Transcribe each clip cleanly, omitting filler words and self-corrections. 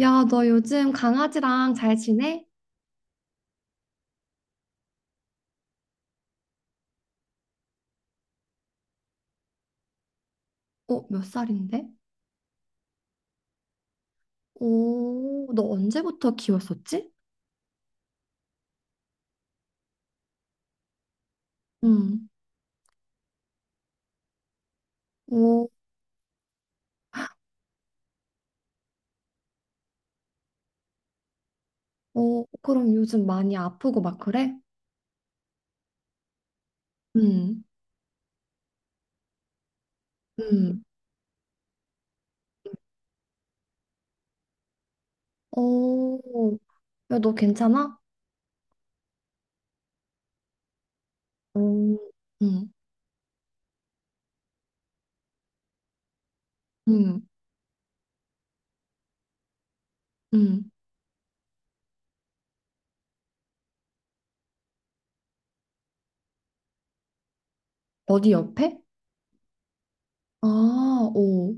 야, 너 요즘 강아지랑 잘 지내? 어, 몇 살인데? 오, 너 언제부터 키웠었지? 응. 오, 오, 그럼 요즘 많이 아프고 막 그래? 응, 응. 오, 야, 너 괜찮아? 오, 응, 응, 응. 어디 옆에? 아, 오,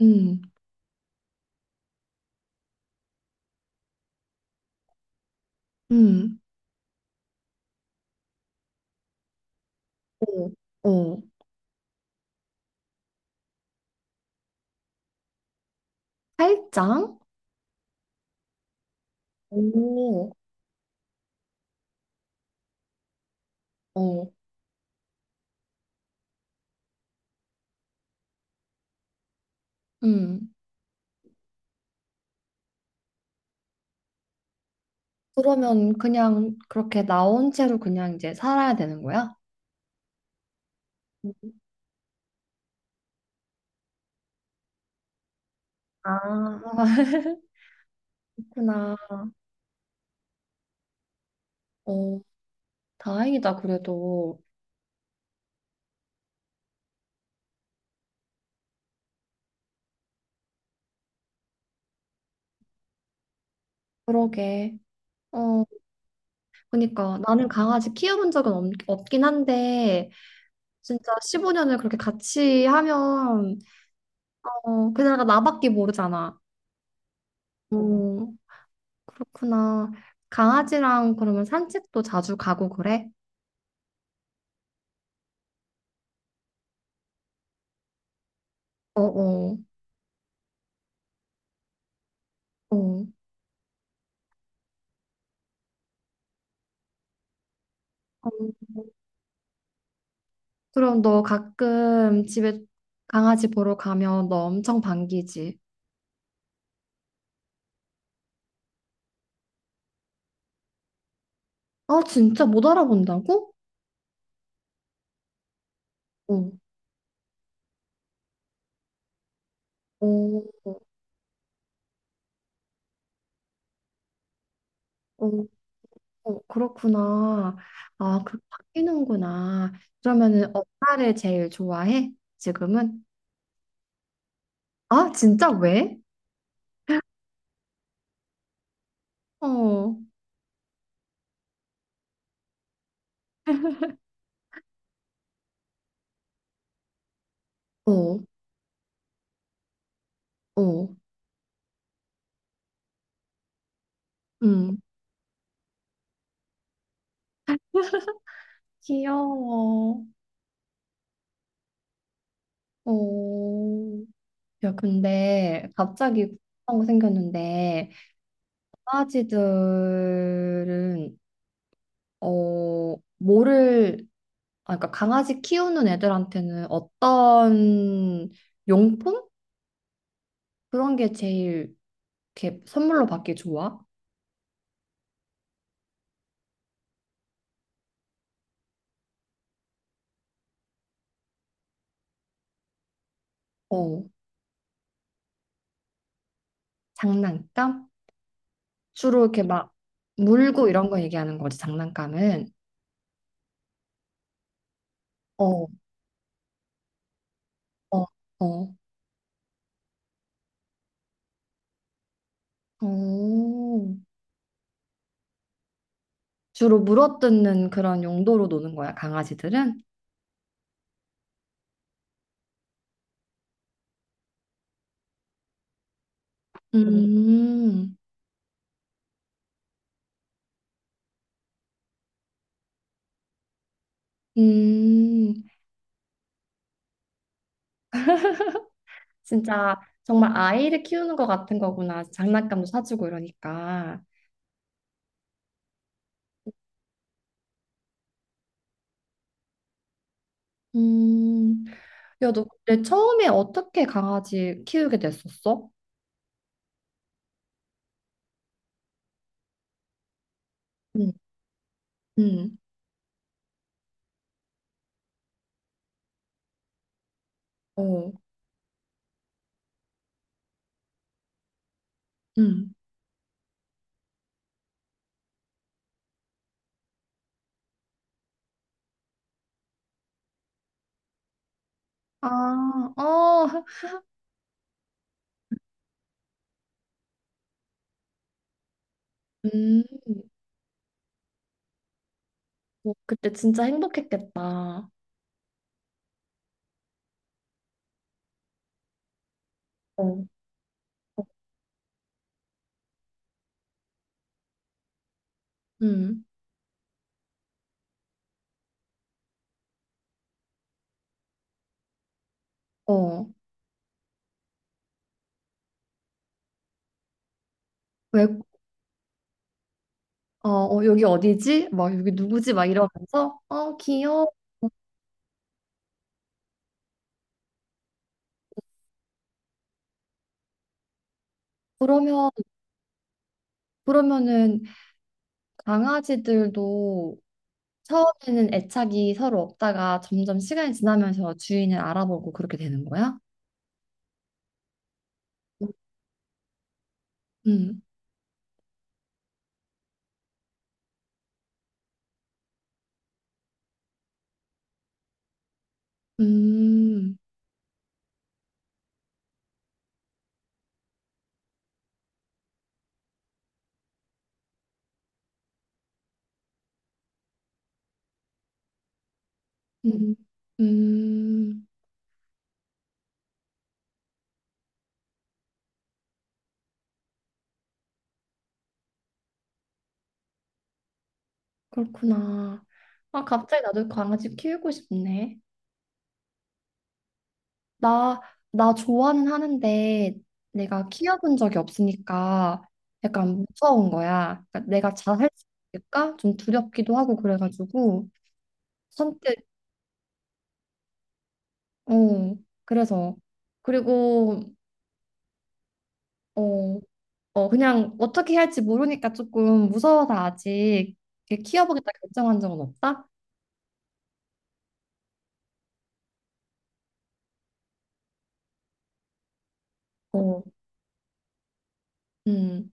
응, 응. 오, 오. 팔짱? 오, 오, 응. 그러면 그냥 그렇게 나온 채로 그냥 이제 살아야 되는 거야? 아, 그렇구나. 어, 다행이다, 그래도. 그러게. 어, 그러니까 나는 강아지 키워본 적은 없긴 한데, 진짜 15년을 그렇게 같이 하면, 어, 그나가 나밖에 모르잖아. 어, 그렇구나. 강아지랑 그러면 산책도 자주 가고 그래? 어, 어, 어. 어. 그럼 너 가끔 집에 강아지 보러 가면 너 엄청 반기지? 아, 진짜 못 알아본다고? 어, 어, 어, 어, 그렇구나. 아, 그 바뀌는구나. 그러면은 엄마를 제일 좋아해? 지금은? 아, 진짜 왜? 어, 어, 어, 음. 귀여워. 어. 야, 근데 갑자기 궁금한 거 생겼는데 강아지들은 어, 뭐를, 아, 그러니까 강아지 키우는 애들한테는 어떤 용품? 그런 게 제일 이렇게 선물로 받기 좋아? 어, 장난감? 주로 이렇게 막 물고 이런 거 얘기하는 거지, 장난감은. 어, 어, 어. 어. 주로 물어뜯는 그런 용도로 노는 거야, 강아지들은? 음, 음, 진짜 정말 아이를 키우는 것 같은 거구나. 장난감도 사주고 이러니까. 음, 야, 너 근데 처음에 어떻게 강아지 키우게 됐었어? 응, 응, 어, 응, 아, 어, 음, 어, 그때 진짜 행복했겠다. 어, 응, 어, 왜, 어, 어, 여기 어디지? 막 여기 누구지? 막 이러면서, 어, 귀여워. 그러면, 그러면은 강아지들도 처음에는 애착이 서로 없다가 점점 시간이 지나면서 주인을 알아보고 그렇게 되는 거야? 응, 음, 음, 음, 그렇구나. 아, 갑자기 나도 강아지 키우고 싶네. 나, 나 좋아는 하는데 내가 키워본 적이 없으니까 약간 무서운 거야. 그러니까 내가 잘할 수 있을까? 좀 두렵기도 하고 그래가지고 선택, 어, 그래서. 그리고, 어, 어, 그냥 어떻게 할지 모르니까 조금 무서워서 아직 이렇게 키워보겠다 결정한 적은 없다? 어, 음.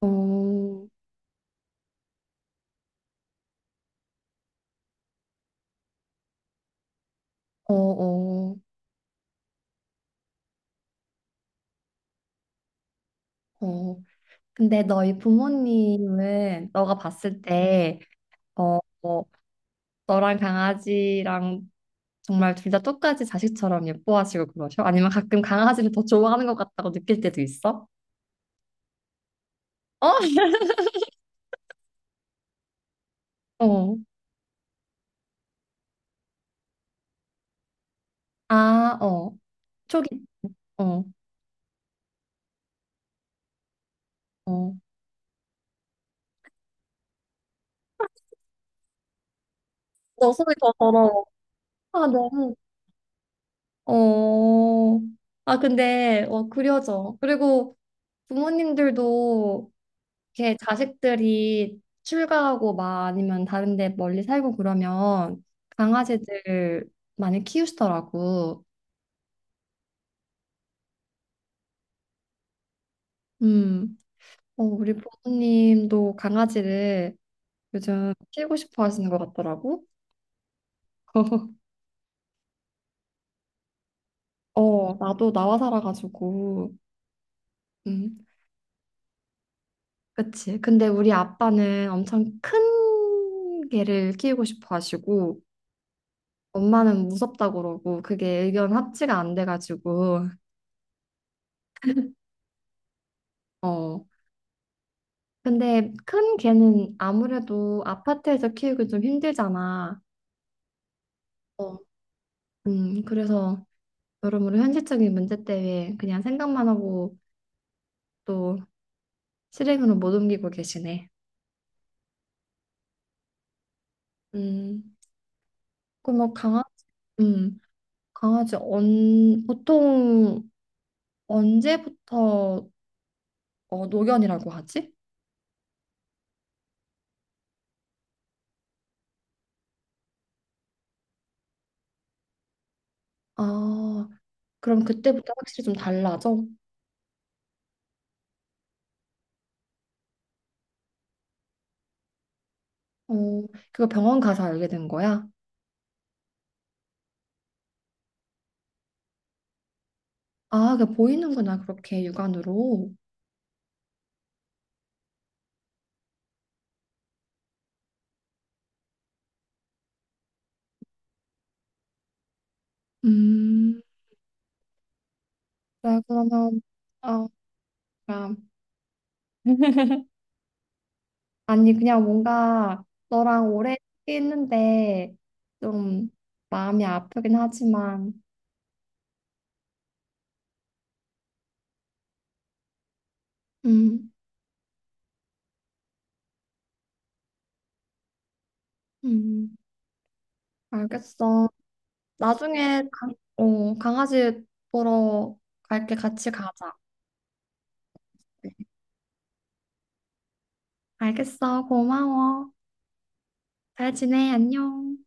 어, 어, 어, 어. 근데 너희 부모님은 너가 봤을 때, 어, 어, 너랑 강아지랑 정말 둘 다 똑같이 자식처럼 예뻐하시고 그러셔? 아니면 가끔 강아지를 더 좋아하는 것 같다고 느낄 때도 있어? 어? 어. 아, 어. 초기, 어, 어. 너 손이 더 더러워. 아, 너무. 어. 아, 근데, 어, 그려져. 그리고 부모님들도 이렇게 자식들이 출가하고 막 아니면 다른 데 멀리 살고 그러면 강아지들 많이 키우시더라고. 음, 어, 우리 부모님도 강아지를 요즘 키우고 싶어 하시는 것 같더라고. 어, 나도 나와 살아가지고. 음, 그치. 근데 우리 아빠는 엄청 큰 개를 키우고 싶어 하시고, 엄마는 무섭다고 그러고, 그게 의견 합치가 안 돼가지고, 어. 근데 큰 개는 아무래도 아파트에서 키우기 좀 힘들잖아. 어, 그래서 여러모로 현실적인 문제 때문에 그냥 생각만 하고 또 실행으로 못 옮기고 계시네. 음, 그럼 뭐 음, 강아지 보통 언제부터 어, 노견이라고 하지? 아, 그럼 그때부터 확실히 좀 달라져? 어, 그거 병원 가서 알게 된 거야? 아, 그 보이는구나, 그렇게 육안으로. 음. 그래, 그러면, 어, 그 아니, 그냥 뭔가 너랑 오래 했는데 좀 마음이 아프긴 하지만, 음, 음, 알겠어. 나중에, 어, 강아지 보러 갈게, 같이 가자. 네. 알겠어, 고마워. 잘 지내, 안녕.